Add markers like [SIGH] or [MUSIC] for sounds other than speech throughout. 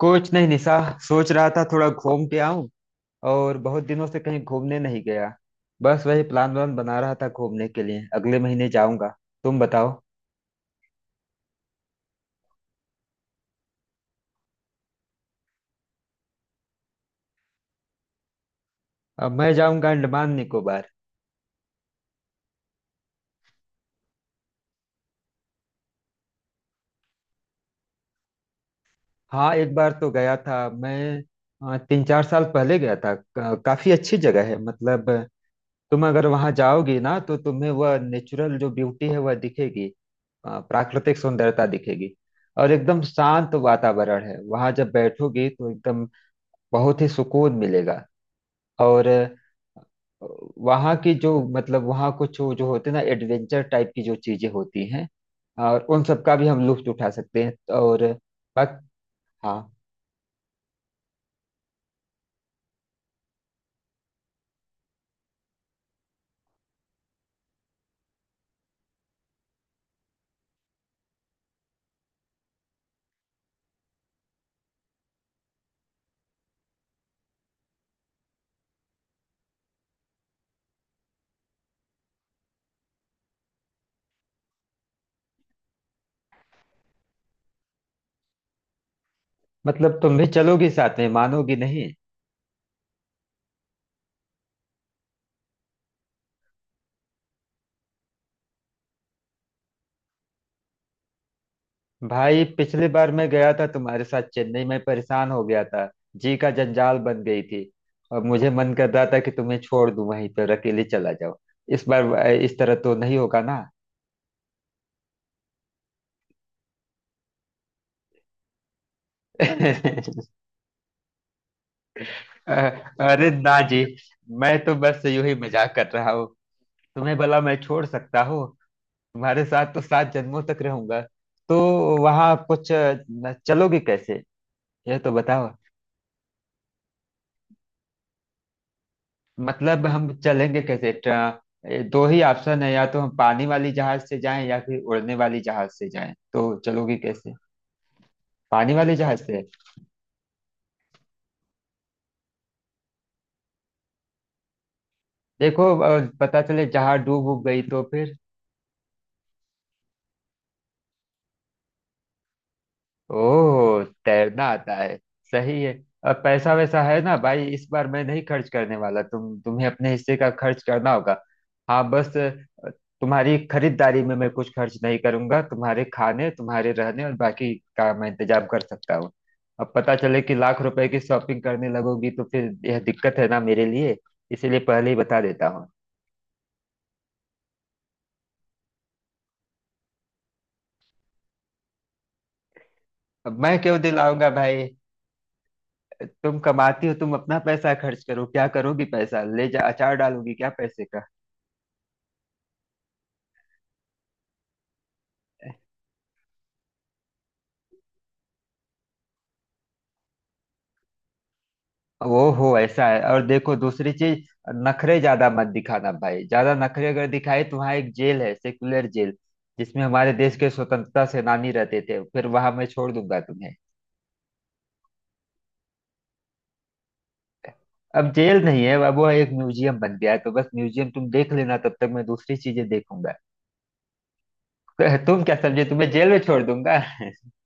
कुछ नहीं निशा। सोच रहा था थोड़ा घूम के आऊं। और बहुत दिनों से कहीं घूमने नहीं गया। बस वही प्लान वान बना रहा था, घूमने के लिए अगले महीने जाऊंगा। तुम बताओ। अब मैं जाऊंगा अंडमान निकोबार। हाँ एक बार तो गया था मैं। 3 4 साल पहले गया था। काफी अच्छी जगह है मतलब। तुम अगर वहां जाओगी ना तो तुम्हें वह नेचुरल जो ब्यूटी है वह दिखेगी। प्राकृतिक सुंदरता दिखेगी। और एकदम शांत वातावरण है, वहां जब बैठोगी तो एकदम बहुत ही सुकून मिलेगा। और वहाँ की जो मतलब वहाँ कुछ जो जो होते हैं ना, एडवेंचर टाइप की जो चीजें होती हैं। और उन सब का भी हम लुत्फ उठा सकते हैं। और बस। हाँ। मतलब तुम भी चलोगी साथ में, मानोगी नहीं। भाई पिछली बार मैं गया था तुम्हारे साथ चेन्नई में, परेशान हो गया था। जी का जंजाल बन गई थी। और मुझे मन कर रहा था कि तुम्हें छोड़ दूं वहीं पर, अकेले चला जाओ। इस बार इस तरह तो नहीं होगा ना। [LAUGHS] अरे ना जी। मैं तो बस यूं ही मजाक कर रहा हूँ। तुम्हें भला मैं छोड़ सकता हूँ। तुम्हारे साथ तो सात जन्मों तक रहूंगा। तो वहां कुछ चलोगे कैसे, यह तो बताओ। मतलब हम चलेंगे कैसे। दो ही ऑप्शन है, या तो हम पानी वाली जहाज से जाएं या फिर उड़ने वाली जहाज से जाएं, तो चलोगे कैसे। पानी वाले जहाज से। देखो पता चले जहाज डूब उब गई तो फिर। ओह, तैरना आता है। सही है। और पैसा वैसा है ना भाई, इस बार मैं नहीं खर्च करने वाला। तुम्हें अपने हिस्से का खर्च करना होगा। हाँ बस तुम्हारी खरीदारी में मैं कुछ खर्च नहीं करूंगा। तुम्हारे खाने तुम्हारे रहने और बाकी का मैं इंतजाम कर सकता हूँ। अब पता चले कि लाख रुपए की शॉपिंग करने लगोगी तो फिर यह दिक्कत है ना मेरे लिए। इसीलिए पहले ही बता देता हूँ। अब मैं क्यों दिलाऊंगा भाई। तुम कमाती हो, तुम अपना पैसा खर्च करो। क्या करोगी पैसा ले जा, अचार डालोगी क्या पैसे का। वो हो, ऐसा है। और देखो दूसरी चीज, नखरे ज्यादा मत दिखाना भाई। ज्यादा नखरे अगर दिखाए तो वहाँ एक जेल है, सेकुलर जेल, जिसमें हमारे देश के स्वतंत्रता सेनानी रहते थे। फिर वहां मैं छोड़ दूंगा तुम्हें। अब जेल नहीं है, अब वो एक म्यूजियम बन गया है। तो बस म्यूजियम तुम देख लेना, तब तक मैं दूसरी चीजें देखूंगा। [LAUGHS] तो तुम क्या समझे, तुम्हें जेल में छोड़ दूंगा? [LAUGHS]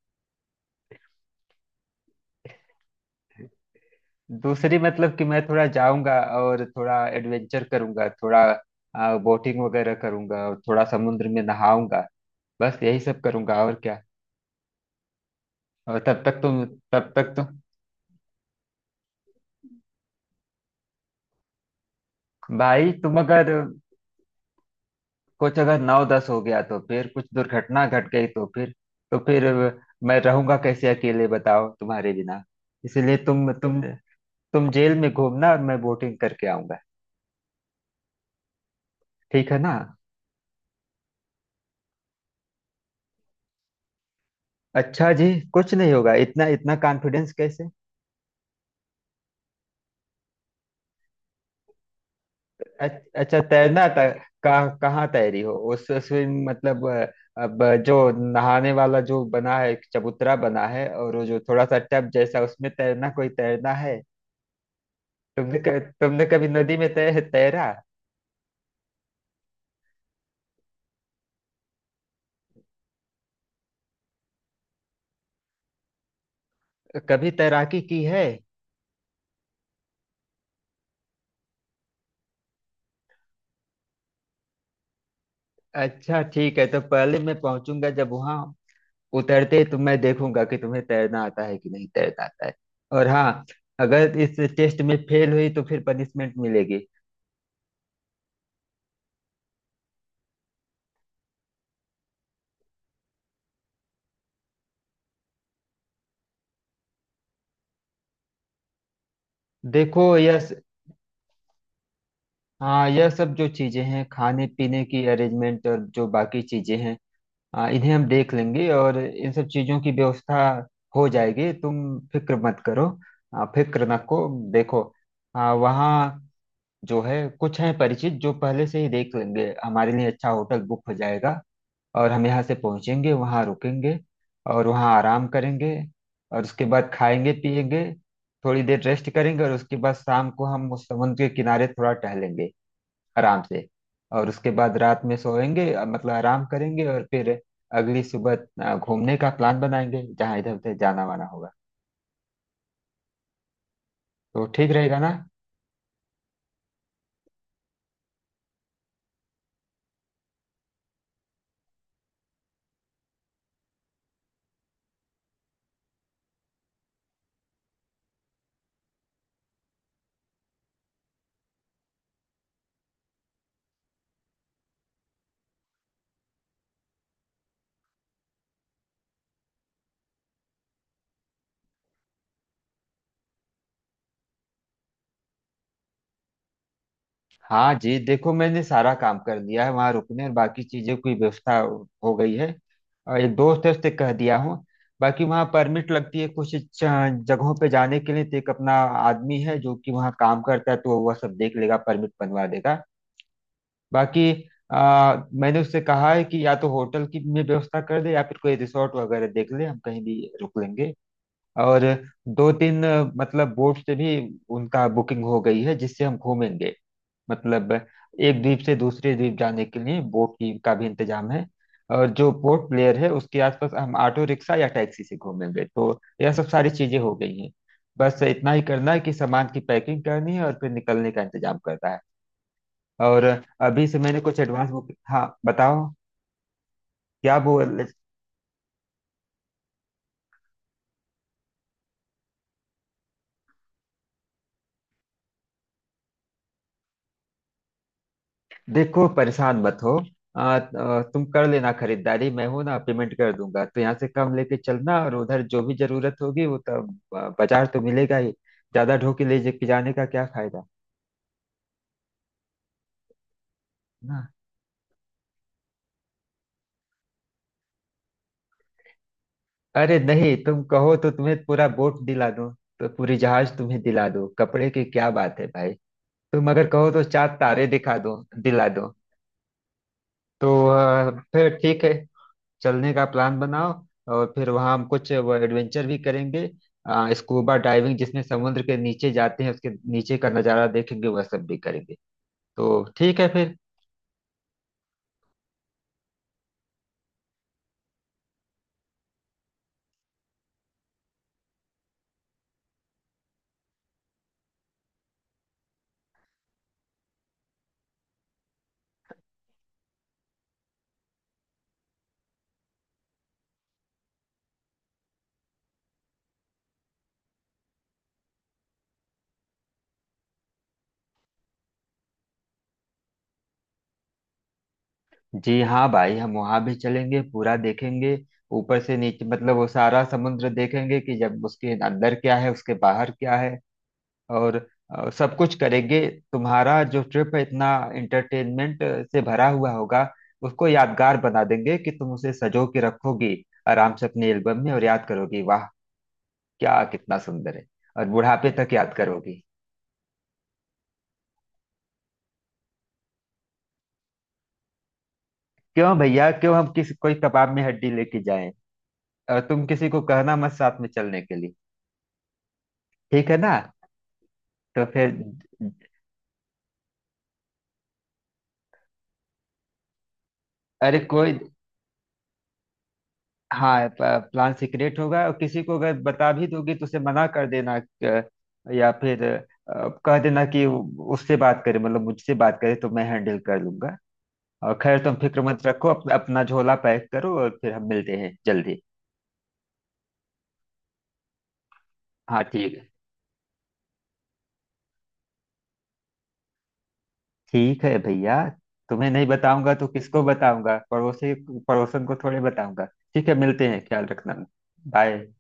दूसरी मतलब कि मैं थोड़ा जाऊंगा और थोड़ा एडवेंचर करूंगा, थोड़ा बोटिंग वगैरह करूंगा और थोड़ा समुद्र में नहाऊंगा। बस यही सब करूंगा और क्या। और तब तक तुम भाई तुम अगर कुछ अगर नौ दस हो गया तो फिर कुछ दुर्घटना घट गई तो फिर, तो फिर मैं रहूंगा कैसे अकेले, बताओ तुम्हारे बिना। इसलिए तुम तुम जेल में घूमना और मैं बोटिंग करके आऊंगा। ठीक है ना। अच्छा जी। कुछ नहीं होगा, इतना इतना कॉन्फिडेंस कैसे। अच्छा तैरना था। कहाँ कहाँ तैरी हो, उस स्विम मतलब अब जो नहाने वाला जो बना है, एक चबूतरा बना है और वो जो थोड़ा सा टब जैसा, उसमें तैरना कोई तैरना है। तुमने कभी नदी में तैरा, कभी तैराकी की है। अच्छा ठीक है, तो पहले मैं पहुंचूंगा जब वहां, उतरते ही तो मैं देखूंगा कि तुम्हें तैरना आता है कि नहीं तैरना आता है। और हाँ, अगर इस टेस्ट में फेल हुई तो फिर पनिशमेंट मिलेगी। देखो यह हाँ, यह सब जो चीज़ें हैं खाने पीने की अरेंजमेंट और जो बाकी चीज़ें हैं, हाँ, इन्हें हम देख लेंगे और इन सब चीज़ों की व्यवस्था हो जाएगी। तुम फिक्र मत करो। हाँ, फिक्र ना को देखो। हाँ वहाँ जो है, कुछ हैं परिचित जो पहले से ही देख लेंगे, हमारे लिए अच्छा होटल बुक हो जाएगा। और हम यहाँ से पहुँचेंगे, वहाँ रुकेंगे और वहाँ आराम करेंगे। और उसके बाद खाएंगे पिएंगे, थोड़ी देर रेस्ट करेंगे, और उसके बाद शाम को हम उस समुद्र के किनारे थोड़ा टहलेंगे आराम से। और उसके बाद रात में सोएंगे, मतलब आराम करेंगे और फिर अगली सुबह घूमने का प्लान बनाएंगे, जहाँ इधर उधर जाना वाना होगा। तो ठीक रहेगा ना। हाँ जी देखो, मैंने सारा काम कर लिया है, वहाँ रुकने और बाकी चीज़ों की व्यवस्था हो गई है। और एक दोस्त है, उससे कह दिया हूँ। बाकी वहाँ परमिट लगती है कुछ जगहों पे जाने के लिए, तो एक अपना आदमी है जो कि वहाँ काम करता है, तो वह सब देख लेगा, परमिट बनवा देगा। बाकी मैंने उससे कहा है कि या तो होटल की में व्यवस्था कर दे या फिर कोई रिसोर्ट वगैरह देख ले, हम कहीं भी रुक लेंगे। और दो तीन मतलब बोट से भी उनका बुकिंग हो गई है, जिससे हम घूमेंगे। मतलब एक द्वीप से दूसरे द्वीप जाने के लिए बोट की का भी इंतजाम है। और जो पोर्ट ब्लेयर है उसके आसपास हम ऑटो रिक्शा या टैक्सी से घूमेंगे। तो यह सब सारी चीजें हो गई हैं, बस इतना ही करना है कि सामान की पैकिंग करनी है और फिर निकलने का इंतजाम करना है। और अभी से मैंने कुछ एडवांस बुक, हाँ बताओ। क्या बोल। देखो परेशान मत हो। आ, आ, तुम कर लेना खरीदारी, मैं हूं ना, पेमेंट कर दूंगा। तो यहाँ से कम लेके चलना, और उधर जो भी जरूरत होगी वो तो बाजार तो मिलेगा ही। ज्यादा ढोके ले जाने का क्या फायदा। ना। अरे नहीं तुम कहो तो तुम्हें पूरा बोट दिला दूं। तो पूरी जहाज तुम्हें दिला दो, कपड़े की क्या बात है भाई। तुम अगर कहो तो चार तारे दिखा दो, दिला दो। तो फिर ठीक है, चलने का प्लान बनाओ। और फिर वहाँ हम कुछ वो एडवेंचर भी करेंगे। स्कूबा डाइविंग जिसमें समुद्र के नीचे जाते हैं, उसके नीचे का नज़ारा देखेंगे, वह सब भी करेंगे। तो ठीक है फिर। जी हाँ भाई, हम वहाँ भी चलेंगे पूरा देखेंगे। ऊपर से नीचे, मतलब वो सारा समुद्र देखेंगे कि जब उसके अंदर क्या है, उसके बाहर क्या है। और सब कुछ करेंगे। तुम्हारा जो ट्रिप है इतना एंटरटेनमेंट से भरा हुआ होगा, उसको यादगार बना देंगे कि तुम उसे सजो के रखोगी आराम से अपने एल्बम में। और याद करोगी, वाह क्या कितना सुंदर है। और बुढ़ापे तक याद करोगी। क्यों भैया, क्यों हम किसी कोई कबाब में हड्डी लेके जाएं। और तुम किसी को कहना मत साथ में चलने के लिए। ठीक है ना। तो फिर। अरे कोई हाँ, प्लान सीक्रेट होगा। और किसी को अगर बता भी दोगी तो उसे मना कर देना, या फिर कह देना कि उससे बात करे, मतलब मुझसे बात करे, तो मैं हैंडल कर लूंगा। और खैर तुम फिक्र मत रखो, अपना झोला पैक करो और फिर हम मिलते हैं जल्दी। हाँ ठीक है। ठीक है भैया, तुम्हें नहीं बताऊंगा तो किसको बताऊंगा, पड़ोसी पड़ोसन को थोड़े बताऊंगा। ठीक है, मिलते हैं, ख्याल रखना। बाय।